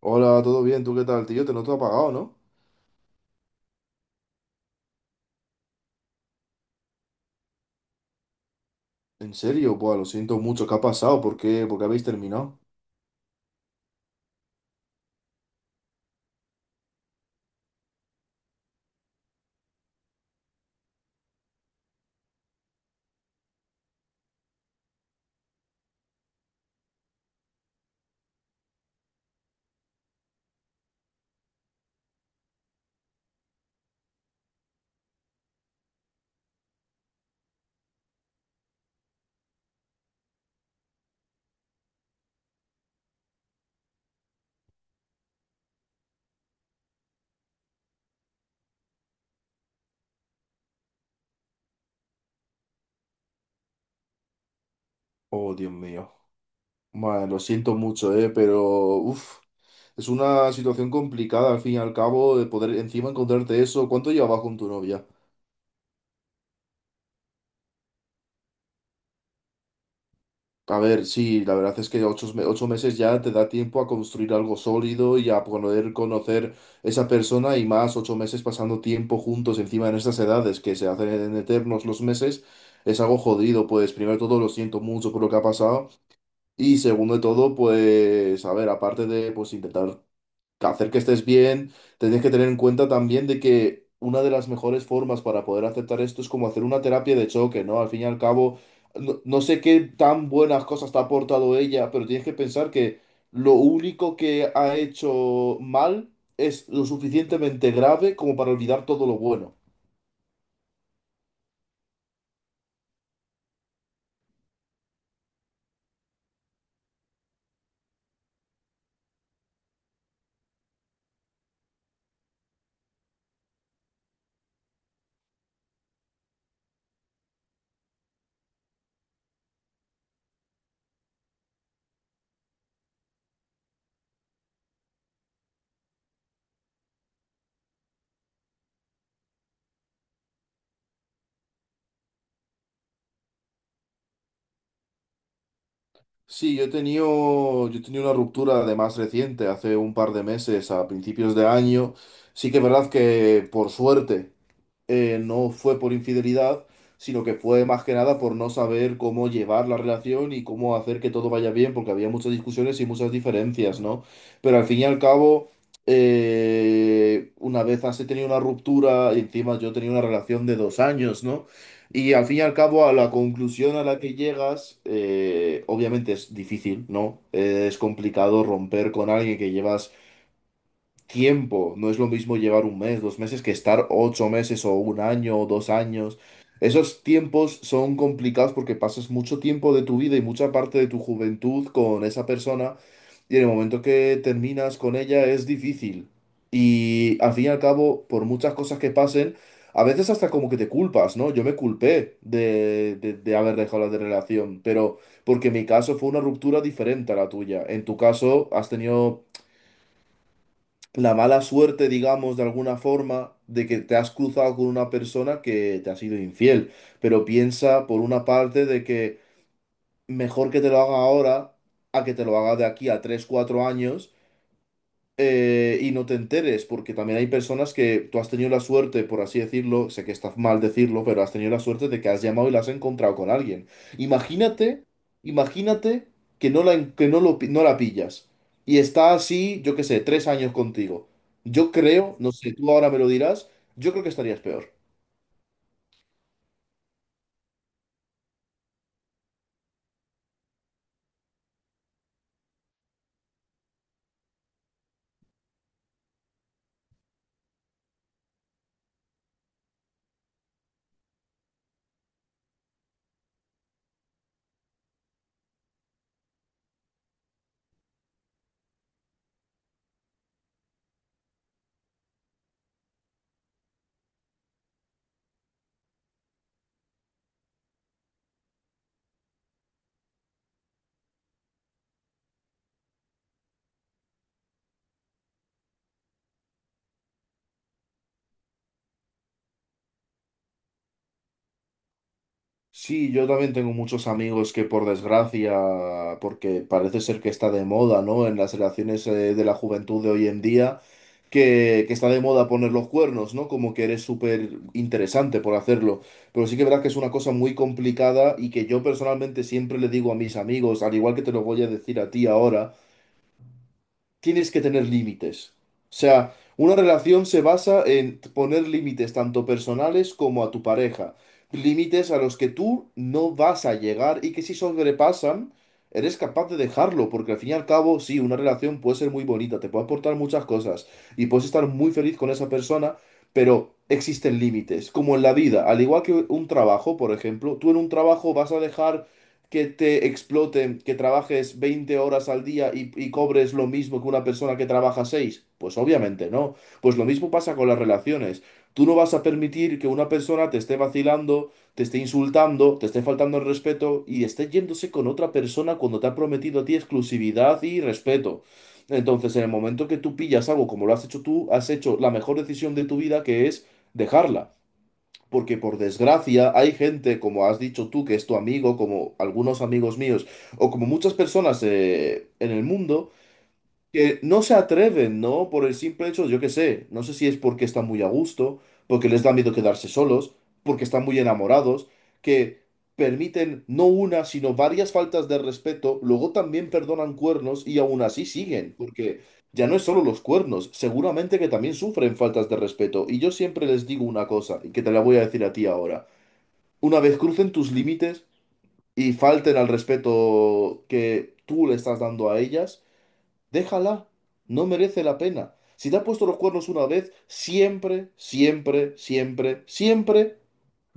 Hola, ¿todo bien? ¿Tú qué tal, tío? Te noto apagado, ¿no? En serio, buah, lo siento mucho. ¿Qué ha pasado? ¿Por qué? ¿Por qué habéis terminado? Oh, Dios mío. Bueno, lo siento mucho, pero uf, es una situación complicada al fin y al cabo de poder encima encontrarte eso. ¿Cuánto llevabas con tu novia? A ver, sí, la verdad es que 8 meses ya te da tiempo a construir algo sólido y a poder conocer esa persona y más 8 meses pasando tiempo juntos encima en estas edades que se hacen en eternos los meses, es algo jodido, pues primero de todo lo siento mucho por lo que ha pasado y segundo de todo, pues a ver, aparte de pues intentar hacer que estés bien, tienes que tener en cuenta también de que una de las mejores formas para poder aceptar esto es como hacer una terapia de choque, ¿no? Al fin y al cabo, no, no sé qué tan buenas cosas te ha aportado ella, pero tienes que pensar que lo único que ha hecho mal es lo suficientemente grave como para olvidar todo lo bueno. Sí, yo he tenido una ruptura además reciente, hace un par de meses, a principios de año. Sí que es verdad que por suerte. No fue por infidelidad, sino que fue más que nada por no saber cómo llevar la relación y cómo hacer que todo vaya bien, porque había muchas discusiones y muchas diferencias, ¿no? Pero al fin y al cabo, una vez has tenido una ruptura, y encima yo tenía una relación de 2 años, ¿no? Y al fin y al cabo, a la conclusión a la que llegas, obviamente es difícil, ¿no? Es complicado romper con alguien que llevas tiempo. No es lo mismo llevar un mes, 2 meses, que estar 8 meses o un año o 2 años. Esos tiempos son complicados porque pasas mucho tiempo de tu vida y mucha parte de tu juventud con esa persona y en el momento que terminas con ella es difícil. Y al fin y al cabo, por muchas cosas que pasen, a veces hasta como que te culpas, ¿no? Yo me culpé de haber dejado la de relación, pero porque mi caso fue una ruptura diferente a la tuya. En tu caso has tenido la mala suerte, digamos, de alguna forma, de que te has cruzado con una persona que te ha sido infiel. Pero piensa, por una parte, de que mejor que te lo haga ahora a que te lo haga de aquí a 3 4 años y no te enteres, porque también hay personas que tú has tenido la suerte, por así decirlo, sé que está mal decirlo, pero has tenido la suerte de que has llamado y la has encontrado con alguien. Imagínate, imagínate que no la, en- que no lo, pi- no la pillas y está así, yo qué sé, 3 años contigo. Yo creo, no sé, tú ahora me lo dirás, yo creo que estarías peor. Sí, yo también tengo muchos amigos que por desgracia, porque parece ser que está de moda, ¿no? En las relaciones de la juventud de hoy en día, que está de moda poner los cuernos, ¿no? Como que eres súper interesante por hacerlo. Pero sí que es verdad que es una cosa muy complicada y que yo personalmente siempre le digo a mis amigos, al igual que te lo voy a decir a ti ahora, tienes que tener límites. O sea, una relación se basa en poner límites tanto personales como a tu pareja. Límites a los que tú no vas a llegar y que si sobrepasan, eres capaz de dejarlo, porque al fin y al cabo, sí, una relación puede ser muy bonita, te puede aportar muchas cosas y puedes estar muy feliz con esa persona, pero existen límites, como en la vida, al igual que un trabajo, por ejemplo, tú en un trabajo vas a dejar que te exploten, que trabajes 20 horas al día y cobres lo mismo que una persona que trabaja seis. Pues obviamente no. Pues lo mismo pasa con las relaciones. Tú no vas a permitir que una persona te esté vacilando, te esté insultando, te esté faltando el respeto y esté yéndose con otra persona cuando te ha prometido a ti exclusividad y respeto. Entonces, en el momento que tú pillas algo como lo has hecho tú, has hecho la mejor decisión de tu vida, que es dejarla. Porque por desgracia hay gente, como has dicho tú, que es tu amigo, como algunos amigos míos, o como muchas personas en el mundo, que no se atreven, ¿no? Por el simple hecho, yo qué sé, no sé si es porque están muy a gusto, porque les da miedo quedarse solos, porque están muy enamorados, que permiten no una, sino varias faltas de respeto, luego también perdonan cuernos y aún así siguen, porque ya no es solo los cuernos, seguramente que también sufren faltas de respeto. Y yo siempre les digo una cosa, y que te la voy a decir a ti ahora. Una vez crucen tus límites y falten al respeto que tú le estás dando a ellas, déjala, no merece la pena. Si te ha puesto los cuernos una vez, siempre, siempre, siempre, siempre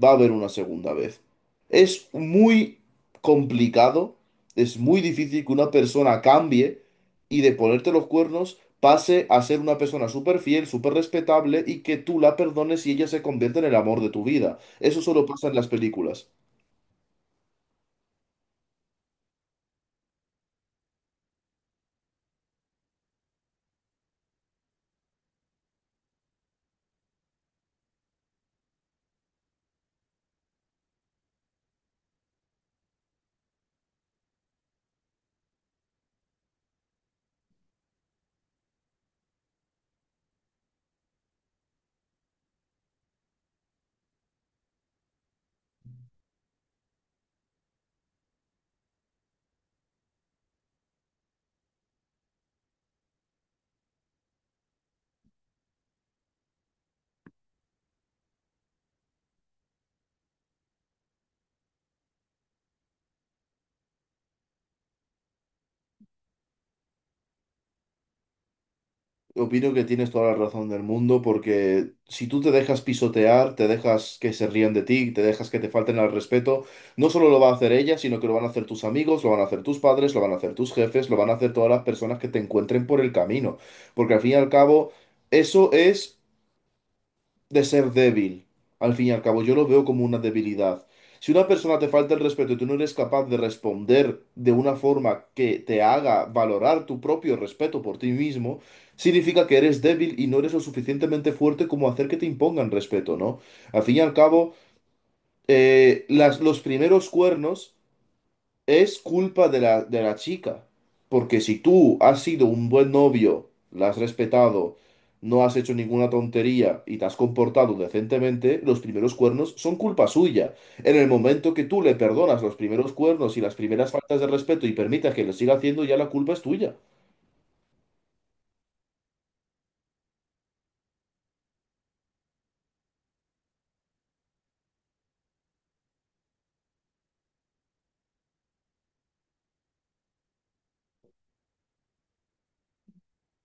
va a haber una segunda vez. Es muy complicado, es muy difícil que una persona cambie y de ponerte los cuernos pase a ser una persona súper fiel, súper respetable y que tú la perdones y ella se convierta en el amor de tu vida. Eso solo pasa en las películas. Opino que tienes toda la razón del mundo porque si tú te dejas pisotear, te dejas que se rían de ti, te dejas que te falten al respeto, no solo lo va a hacer ella, sino que lo van a hacer tus amigos, lo van a hacer tus padres, lo van a hacer tus jefes, lo van a hacer todas las personas que te encuentren por el camino. Porque al fin y al cabo, eso es de ser débil. Al fin y al cabo, yo lo veo como una debilidad. Si una persona te falta el respeto y tú no eres capaz de responder de una forma que te haga valorar tu propio respeto por ti mismo, significa que eres débil y no eres lo suficientemente fuerte como hacer que te impongan respeto, ¿no? Al fin y al cabo, los primeros cuernos es culpa de la chica, porque si tú has sido un buen novio, la has respetado, no has hecho ninguna tontería y te has comportado decentemente, los primeros cuernos son culpa suya. En el momento que tú le perdonas los primeros cuernos y las primeras faltas de respeto y permitas que lo siga haciendo, ya la culpa es tuya.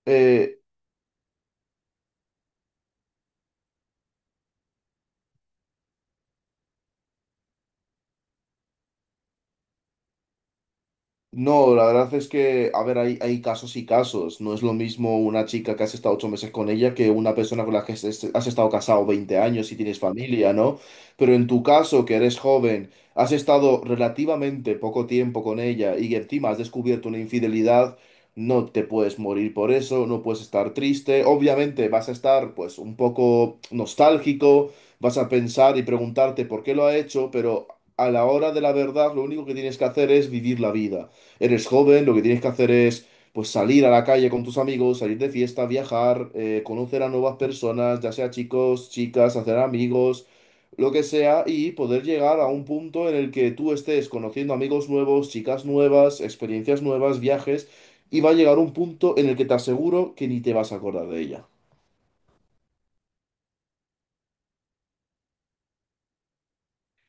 Eh, No, la verdad es que, a ver, hay casos y casos. No es lo mismo una chica que has estado 8 meses con ella que una persona con la que has estado casado 20 años y tienes familia, ¿no? Pero en tu caso, que eres joven, has estado relativamente poco tiempo con ella y encima has descubierto una infidelidad, no te puedes morir por eso, no puedes estar triste. Obviamente vas a estar, pues, un poco nostálgico, vas a pensar y preguntarte por qué lo ha hecho, pero a la hora de la verdad, lo único que tienes que hacer es vivir la vida. Eres joven, lo que tienes que hacer es pues salir a la calle con tus amigos, salir de fiesta, viajar, conocer a nuevas personas, ya sea chicos, chicas, hacer amigos, lo que sea, y poder llegar a un punto en el que tú estés conociendo amigos nuevos, chicas nuevas, experiencias nuevas, viajes, y va a llegar un punto en el que te aseguro que ni te vas a acordar de ella.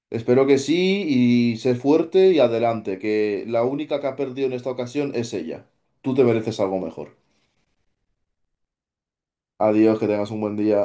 Espero que sí y sé fuerte y adelante, que la única que ha perdido en esta ocasión es ella. Tú te mereces algo mejor. Adiós, que tengas un buen día.